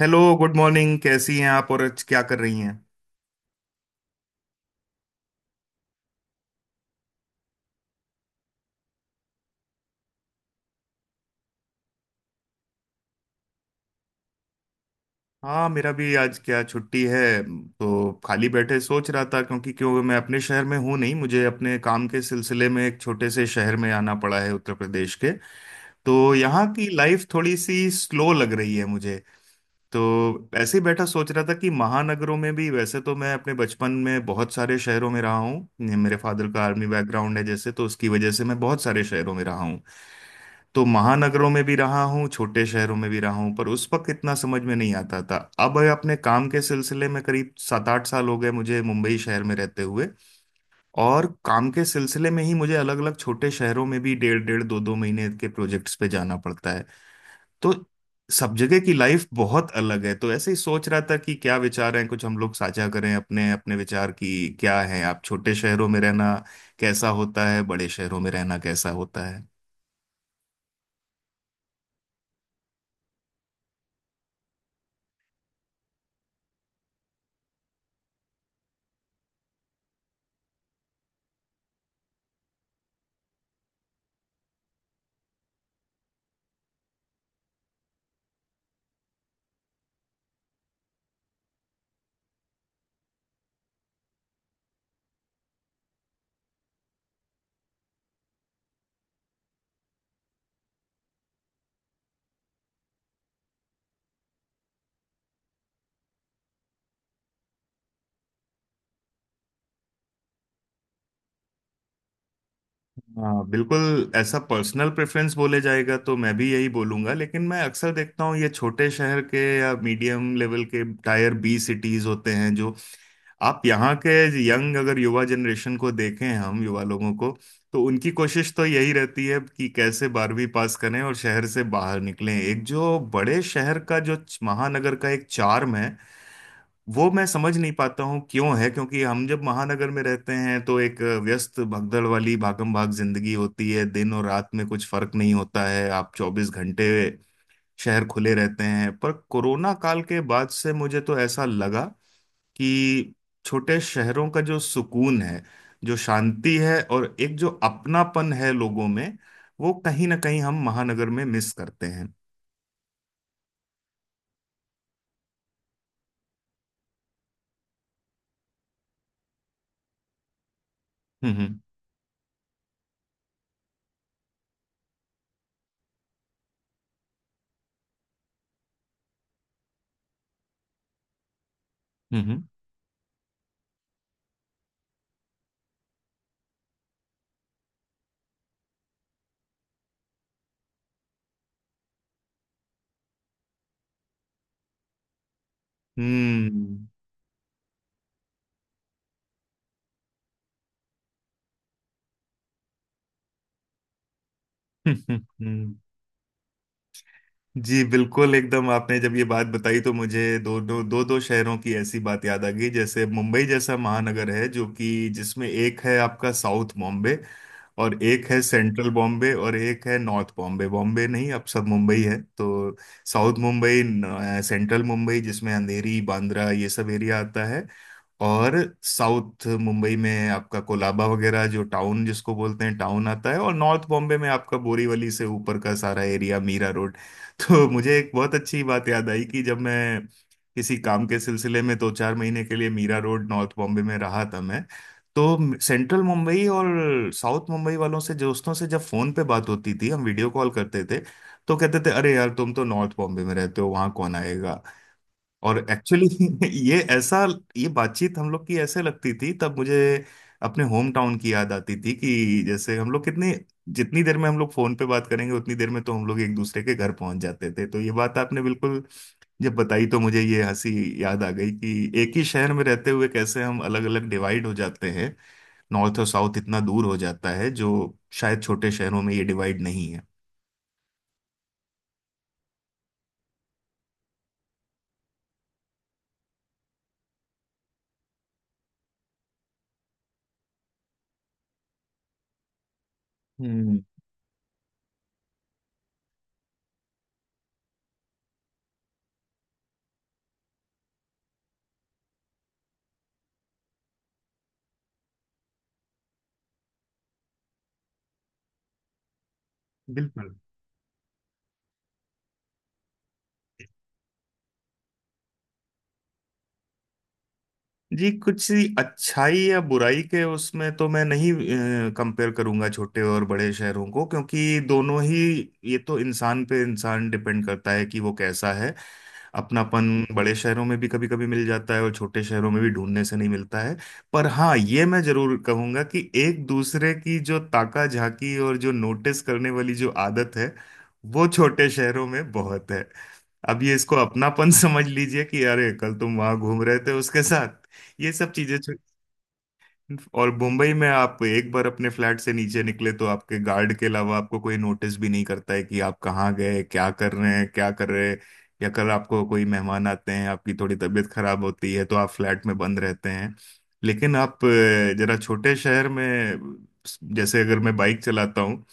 Hello, good morning. कैसी हैं आप और आज क्या कर रही हैं? हाँ, मेरा भी आज क्या छुट्टी है। तो खाली बैठे सोच रहा था क्योंकि क्यों मैं अपने शहर में हूँ नहीं, मुझे अपने काम के सिलसिले में एक छोटे से शहर में आना पड़ा है उत्तर प्रदेश के। तो यहाँ की लाइफ थोड़ी सी स्लो लग रही है मुझे। तो ऐसे ही बैठा सोच रहा था कि महानगरों में भी, वैसे तो मैं अपने बचपन में बहुत सारे शहरों में रहा हूँ। मेरे फादर का आर्मी बैकग्राउंड है, जैसे तो उसकी वजह से मैं बहुत सारे शहरों में रहा हूँ। तो महानगरों में भी रहा हूँ, छोटे शहरों में भी रहा हूँ, पर उस वक्त इतना समझ में नहीं आता था। अब अपने काम के सिलसिले में करीब 7-8 साल हो गए मुझे मुंबई शहर में रहते हुए। और काम के सिलसिले में ही मुझे अलग अलग छोटे शहरों में भी 1.5-1.5 2-2 महीने के प्रोजेक्ट्स पे जाना पड़ता है। तो सब जगह की लाइफ बहुत अलग है। तो ऐसे ही सोच रहा था कि क्या विचार हैं, कुछ हम लोग साझा करें अपने अपने विचार की क्या है। आप छोटे शहरों में रहना कैसा होता है, बड़े शहरों में रहना कैसा होता है। हाँ, बिल्कुल, ऐसा पर्सनल प्रेफरेंस बोले जाएगा तो मैं भी यही बोलूंगा। लेकिन मैं अक्सर देखता हूँ ये छोटे शहर के या मीडियम लेवल के टायर बी सिटीज होते हैं, जो आप यहाँ के यंग, अगर युवा जनरेशन को देखें, हम युवा लोगों को, तो उनकी कोशिश तो यही रहती है कि कैसे 12वीं पास करें और शहर से बाहर निकलें। एक जो बड़े शहर का, जो महानगर का एक चार्म है, वो मैं समझ नहीं पाता हूँ क्यों है। क्योंकि हम जब महानगर में रहते हैं तो एक व्यस्त भगदड़ वाली भागम भाग जिंदगी होती है, दिन और रात में कुछ फर्क नहीं होता है, आप 24 घंटे शहर खुले रहते हैं। पर कोरोना काल के बाद से मुझे तो ऐसा लगा कि छोटे शहरों का जो सुकून है, जो शांति है, और एक जो अपनापन है लोगों में, वो कहीं ना कहीं हम महानगर में मिस करते हैं। हम्म। हम्म। हम्म। हम्म। हम्म। हम्म। हम्म। जी बिल्कुल एकदम, आपने जब ये बात बताई तो मुझे दो दो शहरों की ऐसी बात याद आ गई। जैसे मुंबई जैसा महानगर है जो कि जिसमें एक है आपका साउथ बॉम्बे, और एक है सेंट्रल बॉम्बे, और एक है नॉर्थ बॉम्बे। बॉम्बे नहीं, अब सब मुंबई है। तो साउथ मुंबई सेंट्रल मुंबई जिसमें अंधेरी, बांद्रा, ये सब एरिया आता है। और साउथ मुंबई में आपका कोलाबा वगैरह, जो टाउन, जिसको बोलते हैं टाउन, आता है। और नॉर्थ बॉम्बे में आपका बोरीवली से ऊपर का सारा एरिया, मीरा रोड। तो मुझे एक बहुत अच्छी बात याद आई कि जब मैं किसी काम के सिलसिले में दो चार महीने के लिए मीरा रोड, नॉर्थ बॉम्बे में रहा था मैं, तो सेंट्रल मुंबई और साउथ मुंबई वालों से, दोस्तों से, जब फोन पे बात होती थी, हम वीडियो कॉल करते थे, तो कहते थे, अरे यार, तुम तो नॉर्थ बॉम्बे में रहते हो, वहां कौन आएगा। और एक्चुअली ये ऐसा, ये बातचीत हम लोग की ऐसे लगती थी, तब मुझे अपने होम टाउन की याद आती थी कि जैसे हम लोग कितने, जितनी देर में हम लोग फोन पे बात करेंगे उतनी देर में तो हम लोग एक दूसरे के घर पहुंच जाते थे। तो ये बात आपने बिल्कुल जब बताई तो मुझे ये हंसी याद आ गई कि एक ही शहर में रहते हुए कैसे हम अलग अलग डिवाइड हो जाते हैं, नॉर्थ और साउथ इतना दूर हो जाता है, जो शायद छोटे शहरों में ये डिवाइड नहीं है। हम्म। बिल्कुल। जी, कुछ सी अच्छाई या बुराई के, उसमें तो मैं नहीं कंपेयर करूंगा छोटे और बड़े शहरों को, क्योंकि दोनों ही, ये तो इंसान पे इंसान डिपेंड करता है कि वो कैसा है। अपनापन बड़े शहरों में भी कभी कभी मिल जाता है और छोटे शहरों में भी ढूंढने से नहीं मिलता है। पर हाँ, ये मैं जरूर कहूंगा कि एक दूसरे की जो ताका झाकी और जो नोटिस करने वाली जो आदत है, वो छोटे शहरों में बहुत है। अब ये, इसको अपनापन समझ लीजिए कि अरे कल तुम वहां घूम रहे थे उसके साथ, ये सब चीजें और मुंबई में आप एक बार अपने फ्लैट से नीचे निकले तो आपके गार्ड के अलावा आपको कोई नोटिस भी नहीं करता है कि आप कहाँ गए, क्या कर रहे हैं क्या कर रहे हैं। या कल आपको कोई मेहमान आते हैं, आपकी थोड़ी तबीयत खराब होती है तो आप फ्लैट में बंद रहते हैं। लेकिन आप जरा छोटे शहर में, जैसे अगर मैं बाइक चलाता हूँ,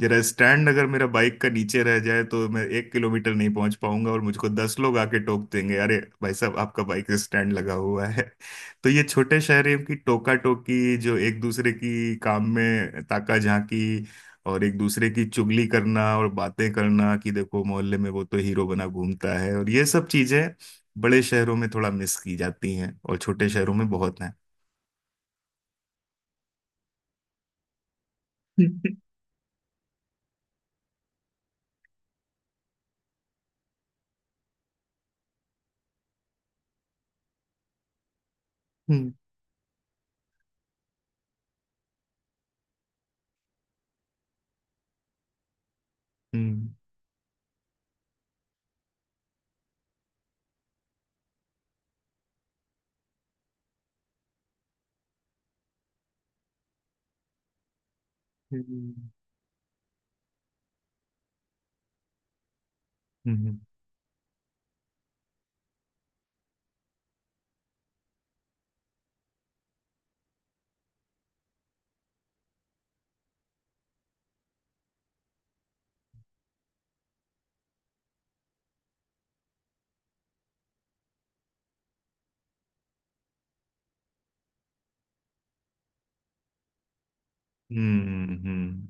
जरा स्टैंड अगर मेरा बाइक का नीचे रह जाए तो मैं 1 किलोमीटर नहीं पहुंच पाऊंगा और मुझको 10 लोग आके टोक देंगे, अरे भाई साहब, आपका बाइक स्टैंड लगा हुआ है। तो ये छोटे शहरों की टोका टोकी, जो एक दूसरे की काम में ताका झांकी, और एक दूसरे की चुगली करना और बातें करना कि देखो मोहल्ले में वो तो हीरो बना घूमता है, और ये सब चीजें बड़े शहरों में थोड़ा मिस की जाती हैं और छोटे शहरों में बहुत हैं। हम्म। हम्म। हम्म। हम्म। हम्म। हम्म। हम्म। हम्म।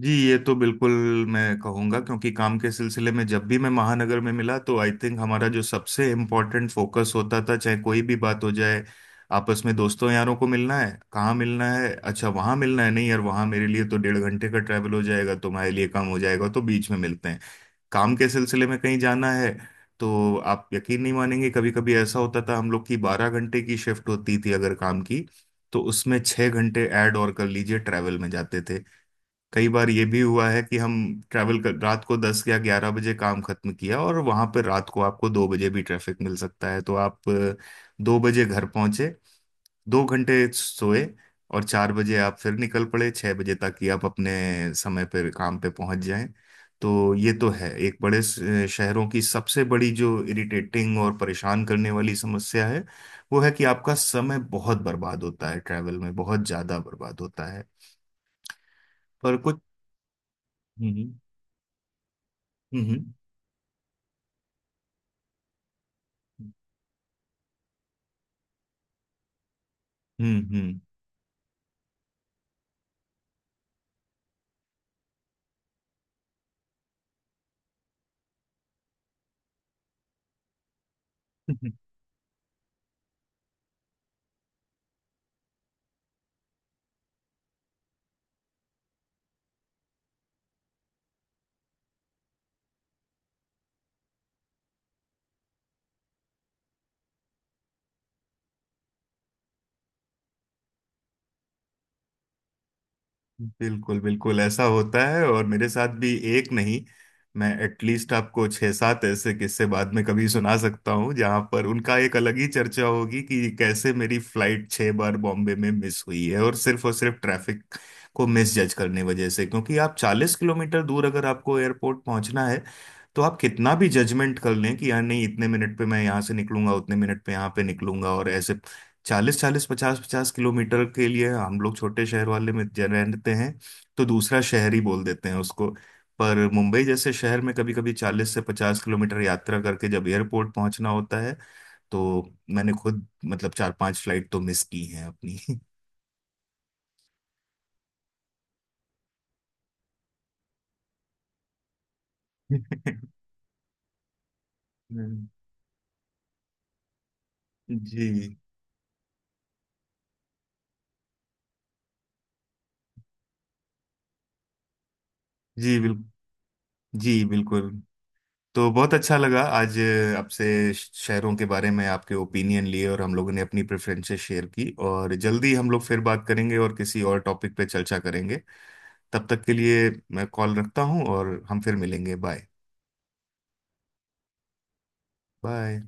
जी, ये तो बिल्कुल मैं कहूँगा क्योंकि काम के सिलसिले में जब भी मैं महानगर में मिला, तो आई थिंक हमारा जो सबसे इम्पोर्टेंट फोकस होता था, चाहे कोई भी बात हो जाए, आपस में दोस्तों यारों को मिलना है कहाँ, मिलना है अच्छा वहाँ मिलना है, नहीं यार वहाँ मेरे लिए तो 1.5 घंटे का ट्रैवल हो जाएगा, तुम्हारे लिए कम हो जाएगा, तो बीच में मिलते हैं। काम के सिलसिले में कहीं जाना है, तो आप यकीन नहीं मानेंगे, कभी कभी ऐसा होता था हम लोग की 12 घंटे की शिफ्ट होती थी अगर काम की, तो उसमें 6 घंटे ऐड और कर लीजिए ट्रैवल में जाते थे। कई बार ये भी हुआ है कि हम ट्रैवल कर रात को 10 या 11 बजे काम खत्म किया, और वहां पर रात को आपको 2 बजे भी ट्रैफिक मिल सकता है। तो आप 2 बजे घर पहुंचे, 2 घंटे सोए, और 4 बजे आप फिर निकल पड़े 6 बजे तक कि आप अपने समय पर काम पे पहुंच जाएं। तो ये तो है एक बड़े शहरों की सबसे बड़ी जो इरिटेटिंग और परेशान करने वाली समस्या है, वो है कि आपका समय बहुत बर्बाद होता है, ट्रैवल में बहुत ज्यादा बर्बाद होता है। पर कुछ। हम्म। हम्म। हम्म। हम्म। बिल्कुल बिल्कुल ऐसा होता है, और मेरे साथ भी एक नहीं, मैं एटलीस्ट आपको छह सात ऐसे किस्से बाद में कभी सुना सकता हूँ जहां पर उनका एक अलग ही चर्चा होगी कि कैसे मेरी फ्लाइट छह बार बॉम्बे में मिस हुई है, और सिर्फ ट्रैफिक को मिस जज करने वजह से। क्योंकि आप 40 किलोमीटर दूर अगर आपको एयरपोर्ट पहुंचना है, तो आप कितना भी जजमेंट कर लें कि यार नहीं इतने मिनट पे मैं यहाँ से निकलूंगा, उतने मिनट पे यहाँ पे निकलूंगा। और ऐसे चालीस चालीस पचास पचास किलोमीटर के लिए हम लोग, छोटे शहर वाले में रहते हैं, तो दूसरा शहर ही बोल देते हैं उसको। पर मुंबई जैसे शहर में कभी कभी 40 से 50 किलोमीटर यात्रा करके जब एयरपोर्ट पहुंचना होता है, तो मैंने खुद मतलब चार पांच फ्लाइट तो मिस की हैं अपनी। जी। जी बिल्कुल। जी बिल्कुल। तो बहुत अच्छा लगा आज आपसे शहरों के बारे में आपके ओपिनियन लिए, और हम लोगों ने अपनी प्रेफरेंसेस शेयर की, और जल्दी हम लोग फिर बात करेंगे और किसी और टॉपिक पे चर्चा करेंगे। तब तक के लिए मैं कॉल रखता हूँ और हम फिर मिलेंगे। बाय। बाय।